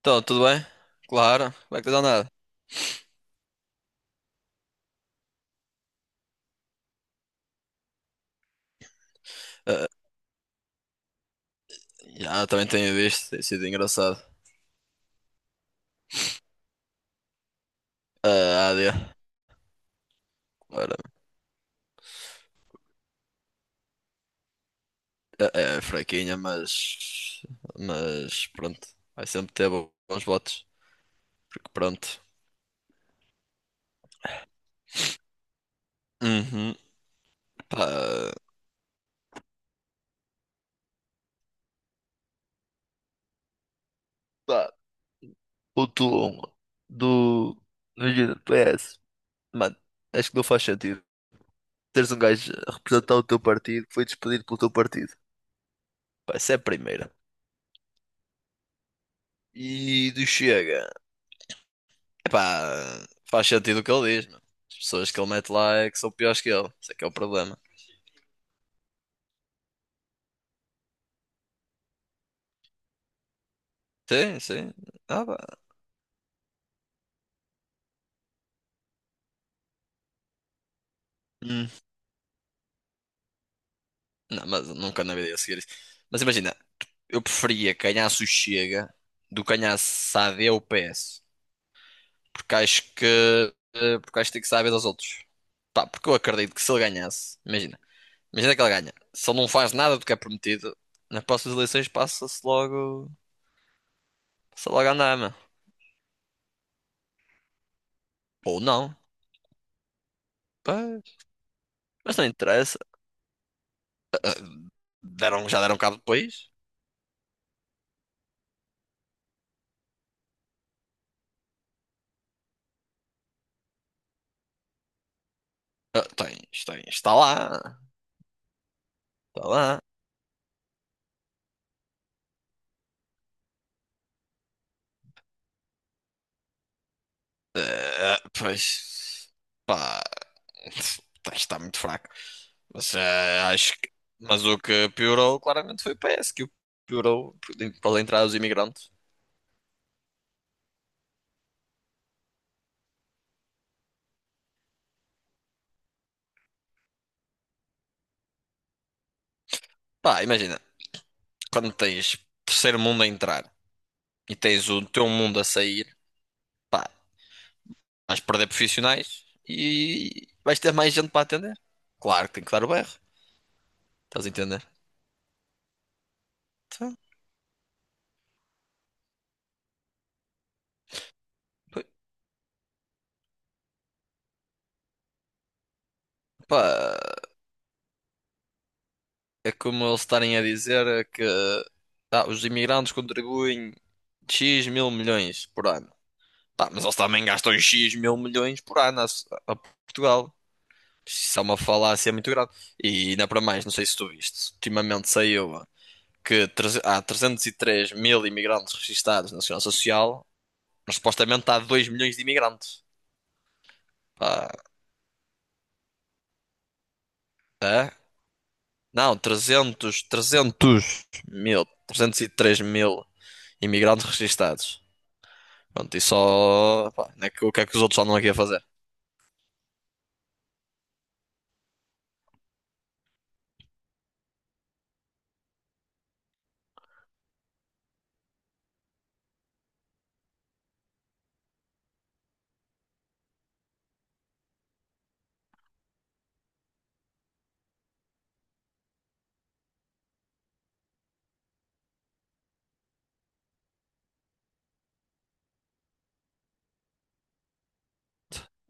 Então, tudo bem? Claro, como é que tens andado? Ah, já, também tenho visto, tem sido engraçado. Ah, a AD, claro, é, é fraquinha, mas pronto, vai sempre ter bons votos, porque pronto. Uhum, pá, Pá, o Tulum do. Imagina, do PS. Mano, acho que não faz sentido teres um gajo a representar o teu partido que foi despedido pelo teu partido. Pá, isso é a primeira. E do Chega. Epá, faz sentido o que ele diz, meu. As pessoas que ele mete lá é que são piores que ele. Isso é que é o problema. Sim, sim. Ah, pá. Hum. Não, mas nunca na vida ia seguir isso. Mas imagina, eu preferia que ganhasse o Chega do que ganhasse a AD ou o PS. Porque acho que. Porque acho que tem que saber dos outros. Pá, porque eu acredito que se ele ganhasse, imagina, imagina que ele ganha. Se ele não faz nada do que é prometido, nas próximas eleições passa-se logo. Passa logo a andar, meu. Ou não. Pá, mas não interessa. Ah, deram, já deram cabo depois? Ah, está lá. Ah, pois, pá, está muito fraco. Mas ah, acho que, mas o que piorou claramente foi o PS, que o piorou para entrar os imigrantes. Pá, imagina, quando tens terceiro mundo a entrar e tens o teu mundo a sair, pá, vais perder profissionais e vais ter mais gente para atender. Claro que tem que dar o berro, estás a entender? Então, pá, é como eles estarem a dizer é que tá, os imigrantes contribuem X mil milhões por ano. Tá, mas eles também gastam X mil milhões por ano a Portugal. Isso é uma falácia muito grave. E ainda para mais, não sei se tu viste, ultimamente saiu que há 303 mil imigrantes registados na Segurança Social, mas supostamente há 2 milhões de imigrantes. Pá, é? Não, 300, 300 mil, 303 mil imigrantes registados. Pronto, e só. Pá, não é que, o que é que os outros andam aqui a fazer?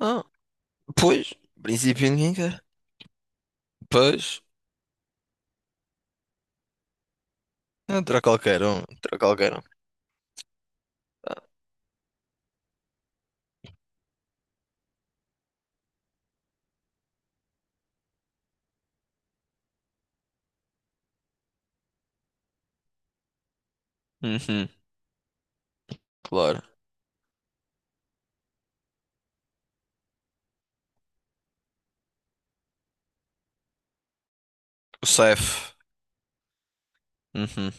Ah, pois, em princípio ninguém quer. Pois, entra qualquer um, entra qualquer um. Uhum, claro. O CEF. Uhum.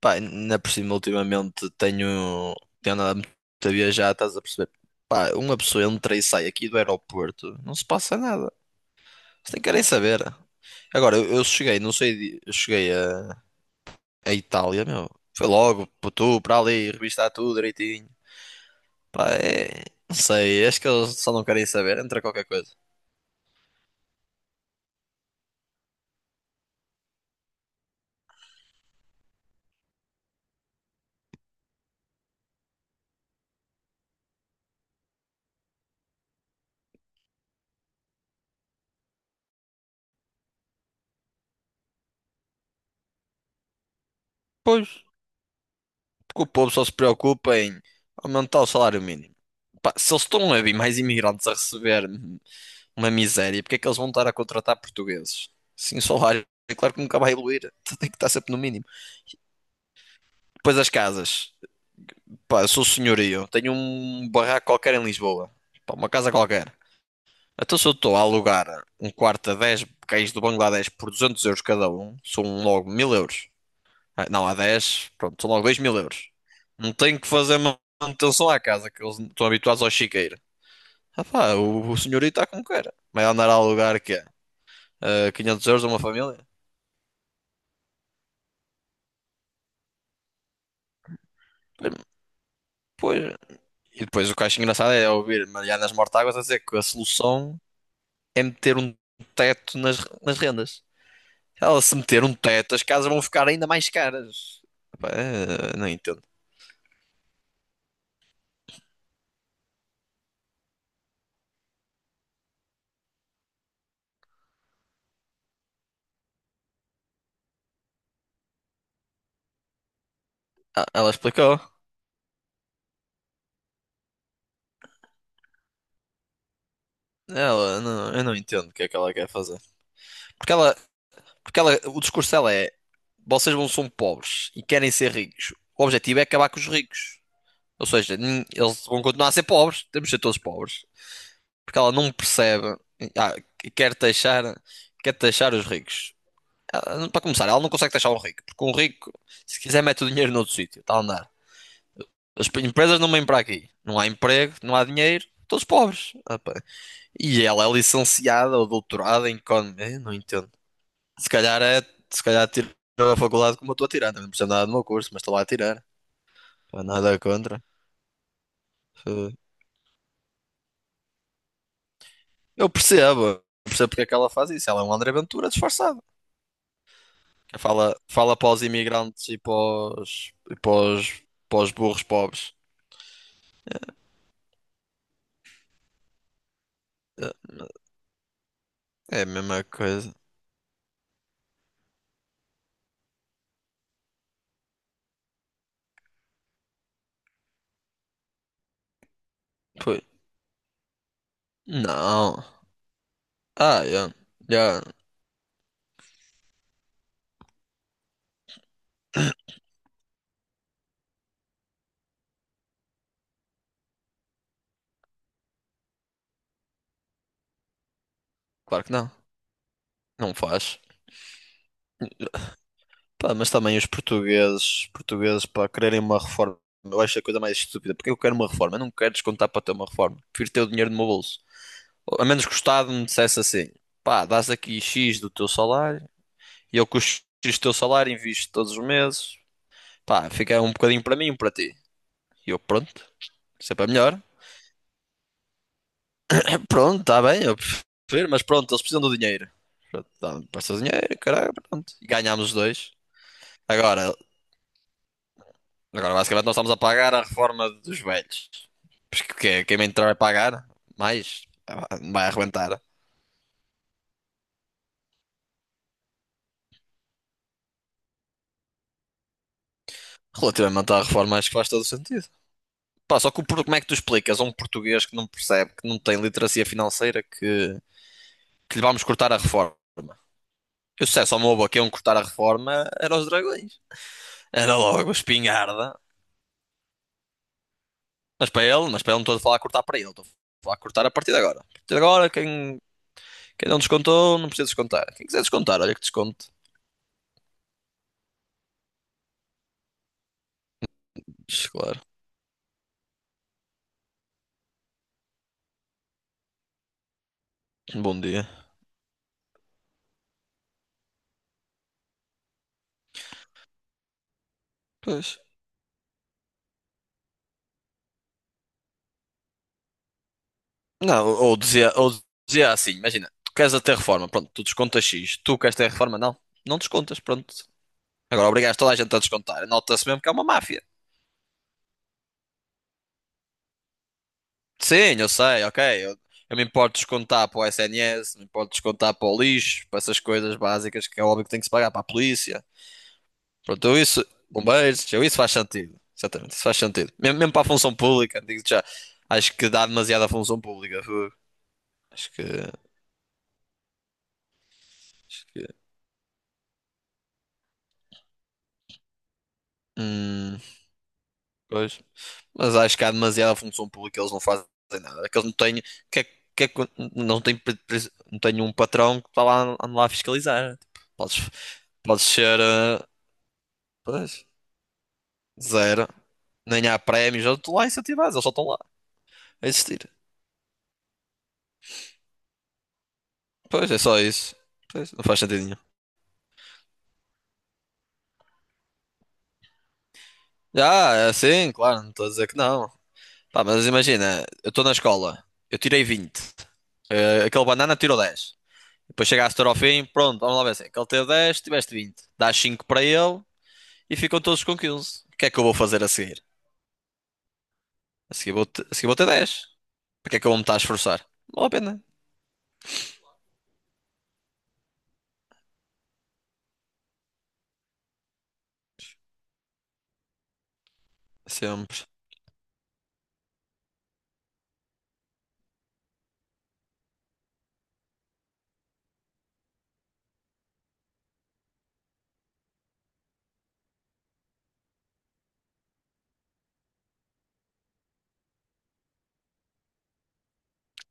Pá, ainda por cima, ultimamente tenho. Tenho andado muito a viajar, estás a perceber? Pá, uma pessoa entra e sai aqui do aeroporto, não se passa nada. Vocês nem querem saber. Agora, eu cheguei, não sei, eu cheguei a Itália, meu. Foi logo, para tu, para ali, revistar tudo direitinho. Pá, é... Não sei, acho que eles só não querem saber, entra qualquer coisa. Pois, porque o povo só se preocupa em aumentar o salário mínimo. Pá, se eles estão a vir mais imigrantes a receber uma miséria, porque é que eles vão estar a contratar portugueses? Sim, o salário, é claro que nunca vai evoluir, tem que estar sempre no mínimo. Depois as casas. Pá, eu sou senhorio, tenho um barraco qualquer em Lisboa. Pá, uma casa qualquer. Então se eu estou a alugar um quarto a 10, cães do Bangladesh por 200 euros cada um, são logo 1.000 euros. Ah, não, há 10 pronto, são logo 2.000 euros. Não tenho que fazer manutenção à casa, que eles estão habituados ao chiqueiro. Ah pá, o senhorito está como queira. Vai andar a alugar que é? Quinhentos euros a uma família? Pois. E depois o que eu acho engraçado é ouvir Marianas Mortáguas a dizer que a solução é meter um teto nas rendas. Ela se meter um teto, as casas vão ficar ainda mais caras. Pá, não entendo. Ah, ela explicou. Ela, não, eu não entendo o que é que ela quer fazer. Porque ela, Porque ela, o discurso dela é: vocês não são pobres e querem ser ricos. O objetivo é acabar com os ricos. Ou seja, eles vão continuar a ser pobres, temos de ser todos pobres. Porque ela não percebe, ah, quer taxar, quer taxar os ricos. Ah, para começar, ela não consegue taxar o rico, porque um rico, se quiser, mete o dinheiro noutro sítio, está a andar. Empresas não vêm para aqui. Não há emprego, não há dinheiro, todos pobres. Ah, pá. E ela é licenciada ou doutorada em economia, não entendo. Se calhar é, Se calhar tiro a faculdade como eu estou a tirar, também não percebo nada do meu curso, mas estou lá a tirar. Pá, nada contra. Eh, Eu percebo, eu percebo porque é que ela faz isso. Ela é um André Ventura disfarçado. Que fala, fala para os imigrantes os, para os burros pobres. Eh, é a mesma coisa. Pois. Não. Ah, eu, eu- Claro que não. Não faz. Pá, mas também os portugueses, portugueses para quererem uma reforma, eu acho a coisa mais estúpida. Porque eu quero uma reforma, eu não quero descontar para ter uma reforma. Prefiro ter o dinheiro no meu bolso. A menos que o Estado me dissesse assim: pá, dás aqui X do teu salário e eu com o X do teu salário invisto todos os meses, pá, fica um bocadinho para mim, e um para ti. E eu, pronto, sempre é melhor. Pronto, está bem, eu prefiro, mas pronto, eles precisam do dinheiro. Pronto, dá-me para o seu dinheiro, caralho, pronto. E ganhámos os dois. Agora, Agora, basicamente, nós estamos a pagar a reforma dos velhos. Porque quem entrar vai pagar, mais vai arrebentar. Relativamente à reforma, acho que faz todo o sentido. Pá, só que o como é que tu explicas a um português que não percebe, que não tem literacia financeira, que lhe vamos cortar a reforma? Eu se dissesse ao meu avô que iam cortar a reforma, era os dragões. Era logo a espingarda. Mas para ele não estou a falar a cortar para ele, estou a falar a cortar a partir de agora. A partir de agora, quem não descontou, não precisa descontar. Quem quiser descontar, olha que desconto. Claro. Bom dia. Pois. Não, ou dizia assim, imagina, tu queres a reforma, pronto, tu descontas X, tu queres ter reforma, não, não descontas, pronto. Agora obrigas toda a gente a descontar, nota-se mesmo que é uma máfia. Sim, eu sei, ok, eu, eu me importo de descontar para o SNS, me importo de descontar para o lixo, para essas coisas básicas que é óbvio que tem que se pagar para a polícia. Pronto, eu isso, bombeiros, eu isso faz sentido, exatamente, isso faz sentido. Mesmo, mesmo para a função pública, digo já, acho que dá demasiada função pública, fogo. Acho que, hum, pois. Mas acho que há demasiada função pública, eles não fazem nada. Que eles não têm, que é- que é que- Não têm, não têm um patrão que está lá, anda lá a fiscalizar. Tipo, podes ser, pois, zero. Nem há prémios, eu estou lá incentivados, eles só estão lá a existir. Pois, é só isso. Pois, não faz sentido nenhum. Ah, é assim, claro, não estou a dizer que não. Pá, mas imagina, eu estou na escola, eu tirei 20, eh, aquele banana tirou dez. Depois chegaste ao fim, pronto, vamos lá ver assim. Aquele teve 10, tiveste 20. Dás 5 para ele, e ficam todos com 15. O que é que eu vou fazer a seguir? A seguir vou, ter dez. Para que é que eu vou me estar a esforçar? Não vale a pena. Sempre,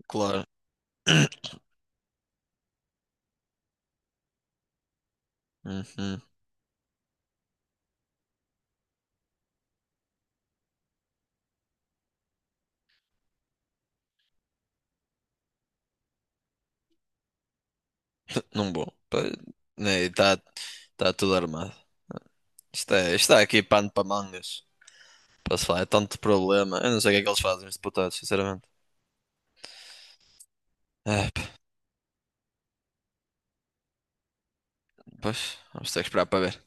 claro. Uhum. Não vou. Está tá tudo armado. Isto é aqui pano para mangas. Posso falar, é tanto problema. Eu não sei o que é que eles fazem, os deputados, sinceramente. É, pá, pois, vamos ter que esperar para ver.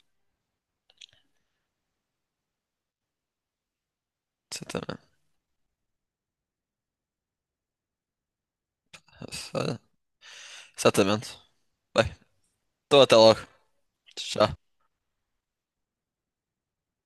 Exatamente. Exatamente. Bem, então até logo. Tchau.